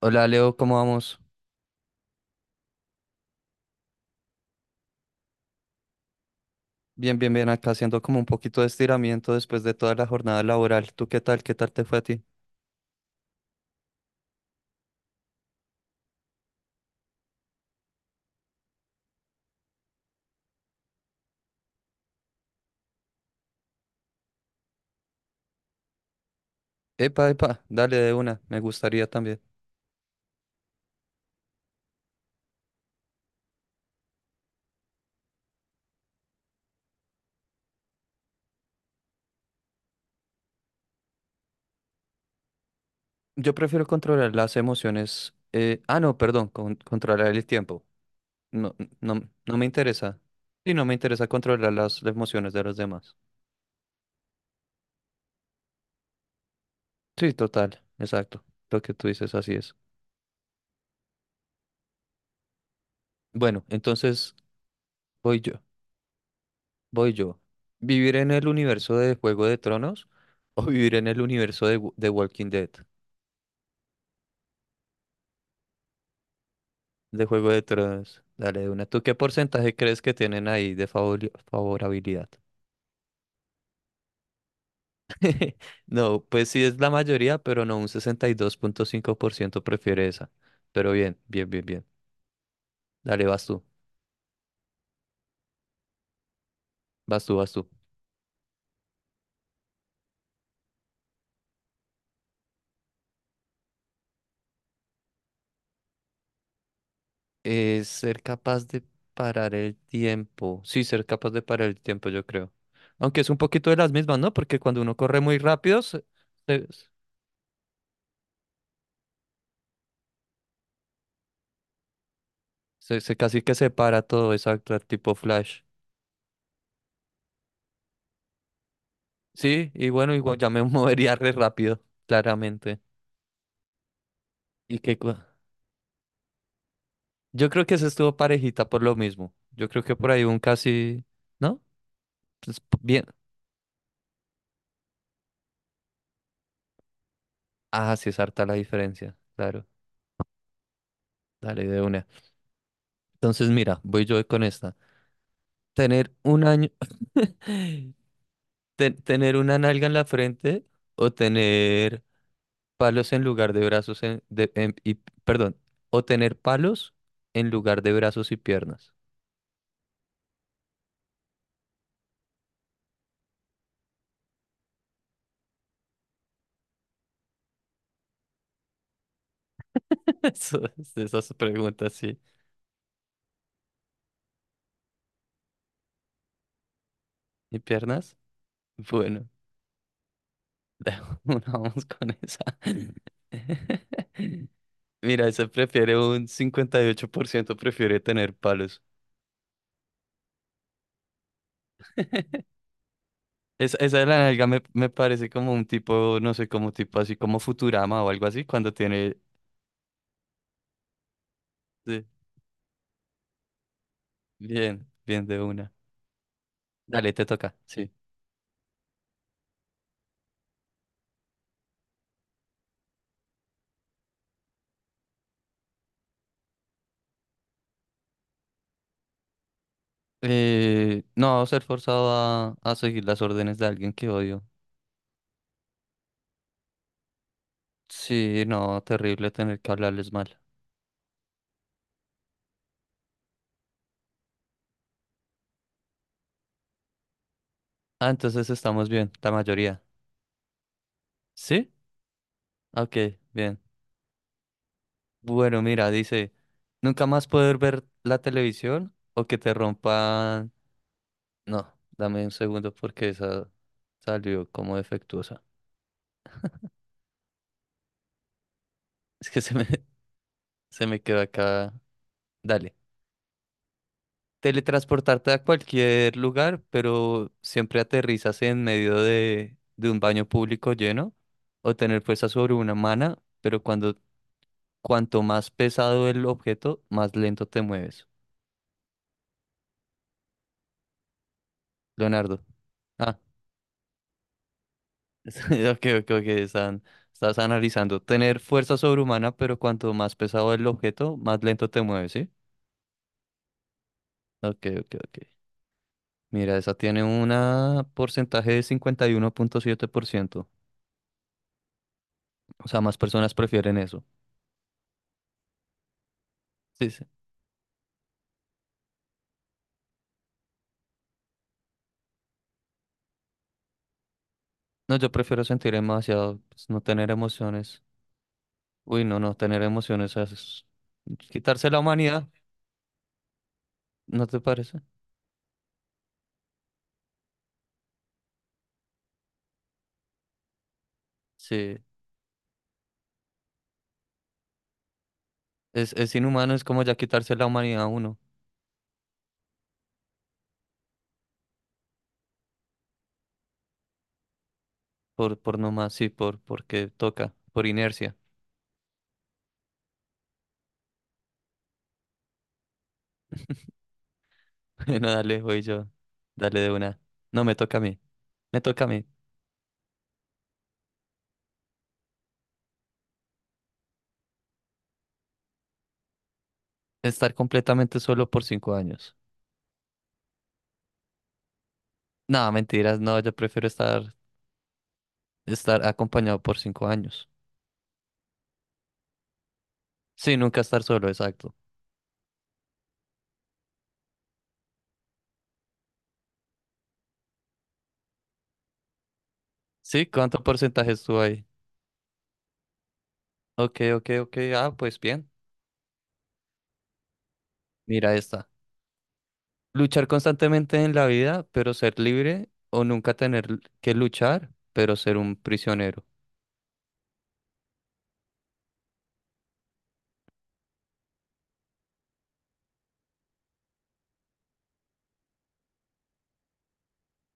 Hola Leo, ¿cómo vamos? Bien, bien, bien, acá haciendo como un poquito de estiramiento después de toda la jornada laboral. ¿Tú qué tal? ¿Qué tal te fue a ti? Epa, epa, dale de una, me gustaría también. Yo prefiero controlar las emociones. No, perdón, controlar el tiempo. No, no, no me interesa. Sí, no me interesa controlar las emociones de los demás. Sí, total, exacto. Lo que tú dices, así es. Bueno, entonces voy yo, voy yo. ¿Vivir en el universo de Juego de Tronos o vivir en el universo de Walking Dead? De Juego de Tronos. Dale, de una. ¿Tú qué porcentaje crees que tienen ahí de favorabilidad? No, pues sí es la mayoría, pero no, un 62,5% prefiere esa. Pero bien, bien, bien, bien. Dale, vas tú, vas tú, vas tú. Ser capaz de parar el tiempo. Sí, ser capaz de parar el tiempo, yo creo. Aunque es un poquito de las mismas, ¿no? Porque cuando uno corre muy rápido, se- se casi que se para todo, exacto, tipo Flash. Sí, y bueno, igual ya me movería re rápido, claramente. Y qué cu- Yo creo que se estuvo parejita por lo mismo. Yo creo que por ahí un casi, ¿no? Pues bien. Ah, sí es harta la diferencia. Claro. Dale de una. Entonces, mira, voy yo con esta. Tener un año, tener una nalga en la frente o tener palos en lugar de brazos perdón, o tener palos en lugar de brazos y piernas. Eso, esas preguntas, sí. ¿Y piernas? Bueno, vamos con esa. Mira, esa prefiere un 58% prefiere tener palos. Esa de la nalga me parece como un tipo, no sé, como tipo así como Futurama o algo así, cuando tiene... Sí, bien, bien de una. Dale, te toca, sí. No, ser forzado a seguir las órdenes de alguien que odio. Sí, no, terrible tener que hablarles mal. Ah, entonces estamos bien, la mayoría. ¿Sí? Ok, bien. Bueno, mira, dice, nunca más poder ver la televisión o que te rompan... No, dame un segundo porque esa salió como defectuosa. Es que se me, se me quedó acá. Dale. Teletransportarte a cualquier lugar, pero siempre aterrizas en medio de un baño público lleno o tener fuerza sobre una mana, pero cuando cuanto más pesado el objeto, más lento te mueves. Leonardo. Ah, ok, ok, ok, estás analizando. Tener fuerza sobrehumana, pero cuanto más pesado el objeto, más lento te mueves, ¿sí? Ok, ok, ok. Mira, esa tiene un porcentaje de 51,7%. O sea, más personas prefieren eso. Sí, sí. No, yo prefiero sentir demasiado, pues, no tener emociones. Uy, no, no tener emociones es quitarse la humanidad, ¿no te parece? Sí, es inhumano, es como ya quitarse la humanidad a uno, por nomás, sí, por, porque toca, por inercia. Bueno, dale, voy yo. Dale de una. No, me toca a mí. Me toca a mí. Estar completamente solo por 5 años. No, mentiras, no, yo prefiero estar, estar acompañado por 5 años. Sí, nunca estar solo, exacto. Sí, ¿cuánto porcentaje estuvo ahí? Ok, ok, ok. Ah, pues bien. Mira esta. Luchar constantemente en la vida, pero ser libre, o nunca tener que luchar, pero ser un prisionero.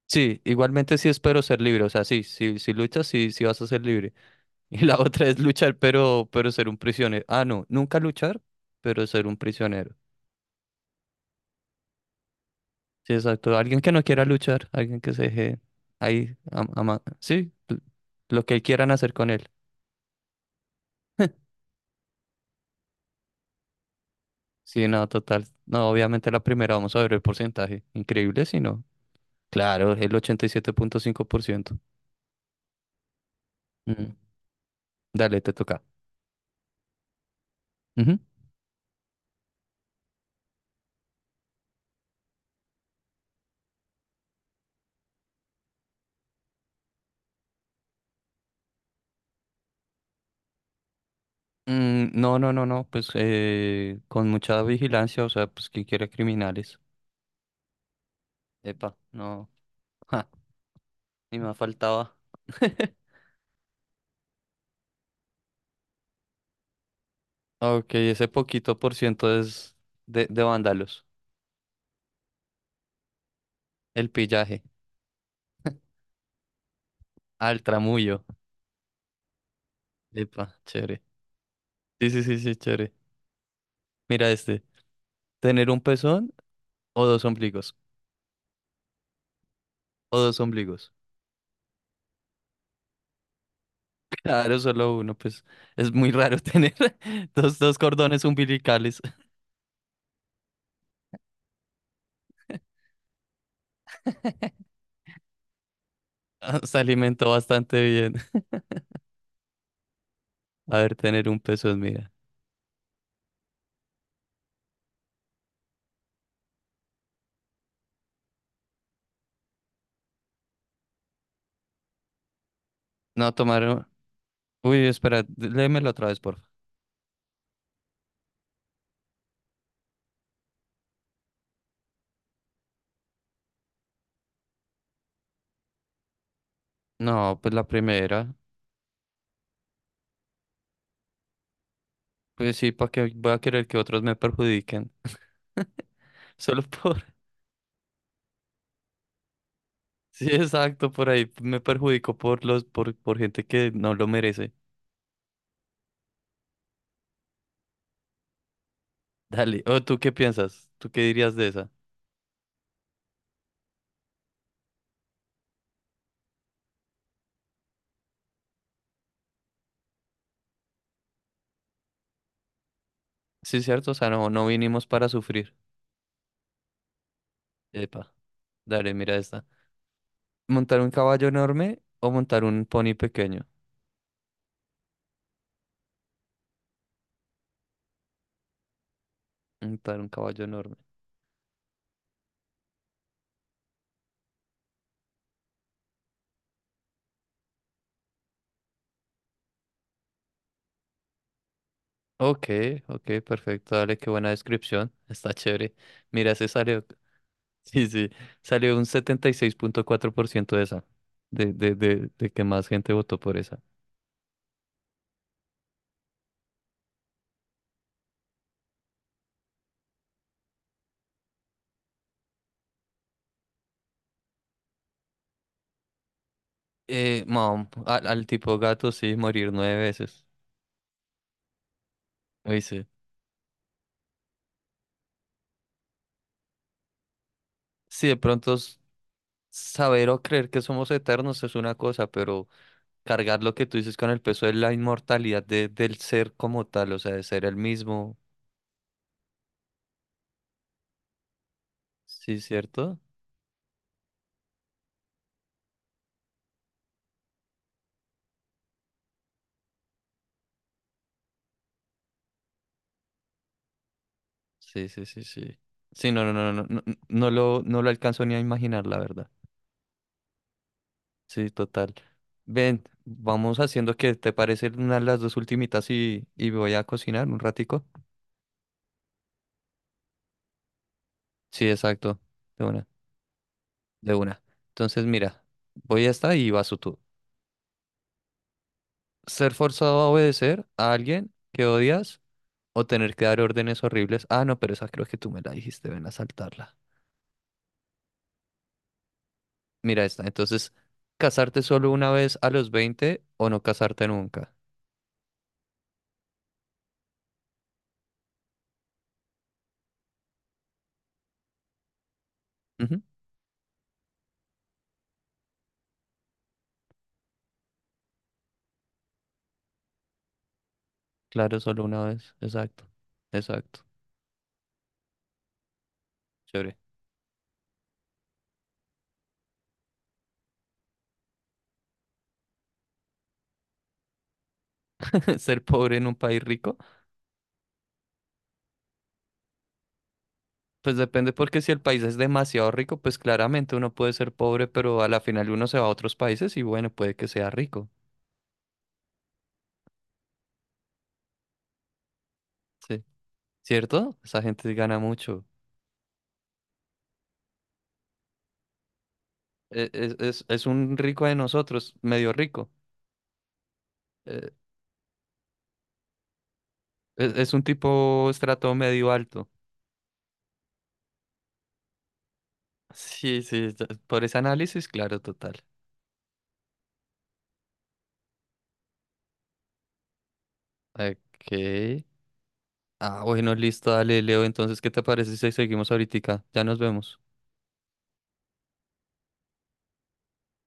Sí, igualmente sí espero ser libre. O sea, sí, sí, si luchas, sí, sí vas a ser libre. Y la otra es luchar, pero ser un prisionero. Ah, no, nunca luchar, pero ser un prisionero. Sí, exacto. Alguien que no quiera luchar, alguien que se deje ahí, sí, lo que quieran hacer con él. Sí, no, total. No, obviamente la primera, vamos a ver el porcentaje. Increíble, si no. Claro, el 87.5%. Mm, dale, te toca. Ujú. Mm, no, no, no, no, pues con mucha vigilancia, o sea, pues quien quiera criminales. Epa, no. Ni me faltaba. Ok, ese poquito por ciento es de vándalos. El pillaje. Al tramullo. Epa, chévere. Sí, sí, sí, sí, chévere. Mira este. ¿Tener un pezón o dos ombligos? O dos ombligos. Claro, solo uno, pues es muy raro tener dos, dos cordones umbilicales. Ah, se alimentó bastante bien. A ver, tener un pezón, mira. No, tomaron. Uy, espera, léemelo otra vez, porfa. No, pues la primera. Pues sí, ¿para qué voy a querer que otros me perjudiquen? Solo por... Sí, exacto, por ahí me perjudico por por gente que no lo merece. Dale. ¿O tú qué piensas? ¿Tú qué dirías de esa? Sí, cierto, o sea, no, no vinimos para sufrir. Epa, dale, mira esta. ¿Montar un caballo enorme o montar un pony pequeño? Montar un caballo enorme. Ok, ok, perfecto, dale, qué buena descripción. Está chévere. Mira, se salió. Sí, sí, salió un 76,4% de esa, de que más gente votó por esa. Al tipo gato sí, morir 9 veces. Dice, sí, sí, de pronto saber o creer que somos eternos es una cosa, pero cargar lo que tú dices con el peso de la inmortalidad del ser como tal, o sea, de ser el mismo, sí, ¿cierto? Sí, sí, sí, sí. Sí, no, no, no, no, no, no lo alcanzo ni a imaginar, la verdad. Sí, total. Ven, vamos haciendo que te parece una de las dos ultimitas y voy a cocinar un ratico. Sí, exacto. De una, de una. Entonces, mira, voy a esta y vas tú. Ser forzado a obedecer a alguien que odias o tener que dar órdenes horribles. Ah, no, pero esa creo que tú me la dijiste, ven a saltarla. Mira esta. Entonces, casarte solo una vez a los 20 o no casarte nunca. Ujú, claro, solo una vez. Exacto. Exacto. Chévere. Ser pobre en un país rico. Pues depende porque si el país es demasiado rico, pues claramente uno puede ser pobre, pero a la final uno se va a otros países y bueno, puede que sea rico. Sí. ¿Cierto? Esa gente gana mucho. Es, es un rico de nosotros, medio rico. Eh, es un tipo estrato medio alto. Sí, sí, por ese análisis, claro, total. Ok. Ah, bueno, listo, dale, Leo. Entonces, ¿qué te parece si seguimos ahorita? Ya nos vemos.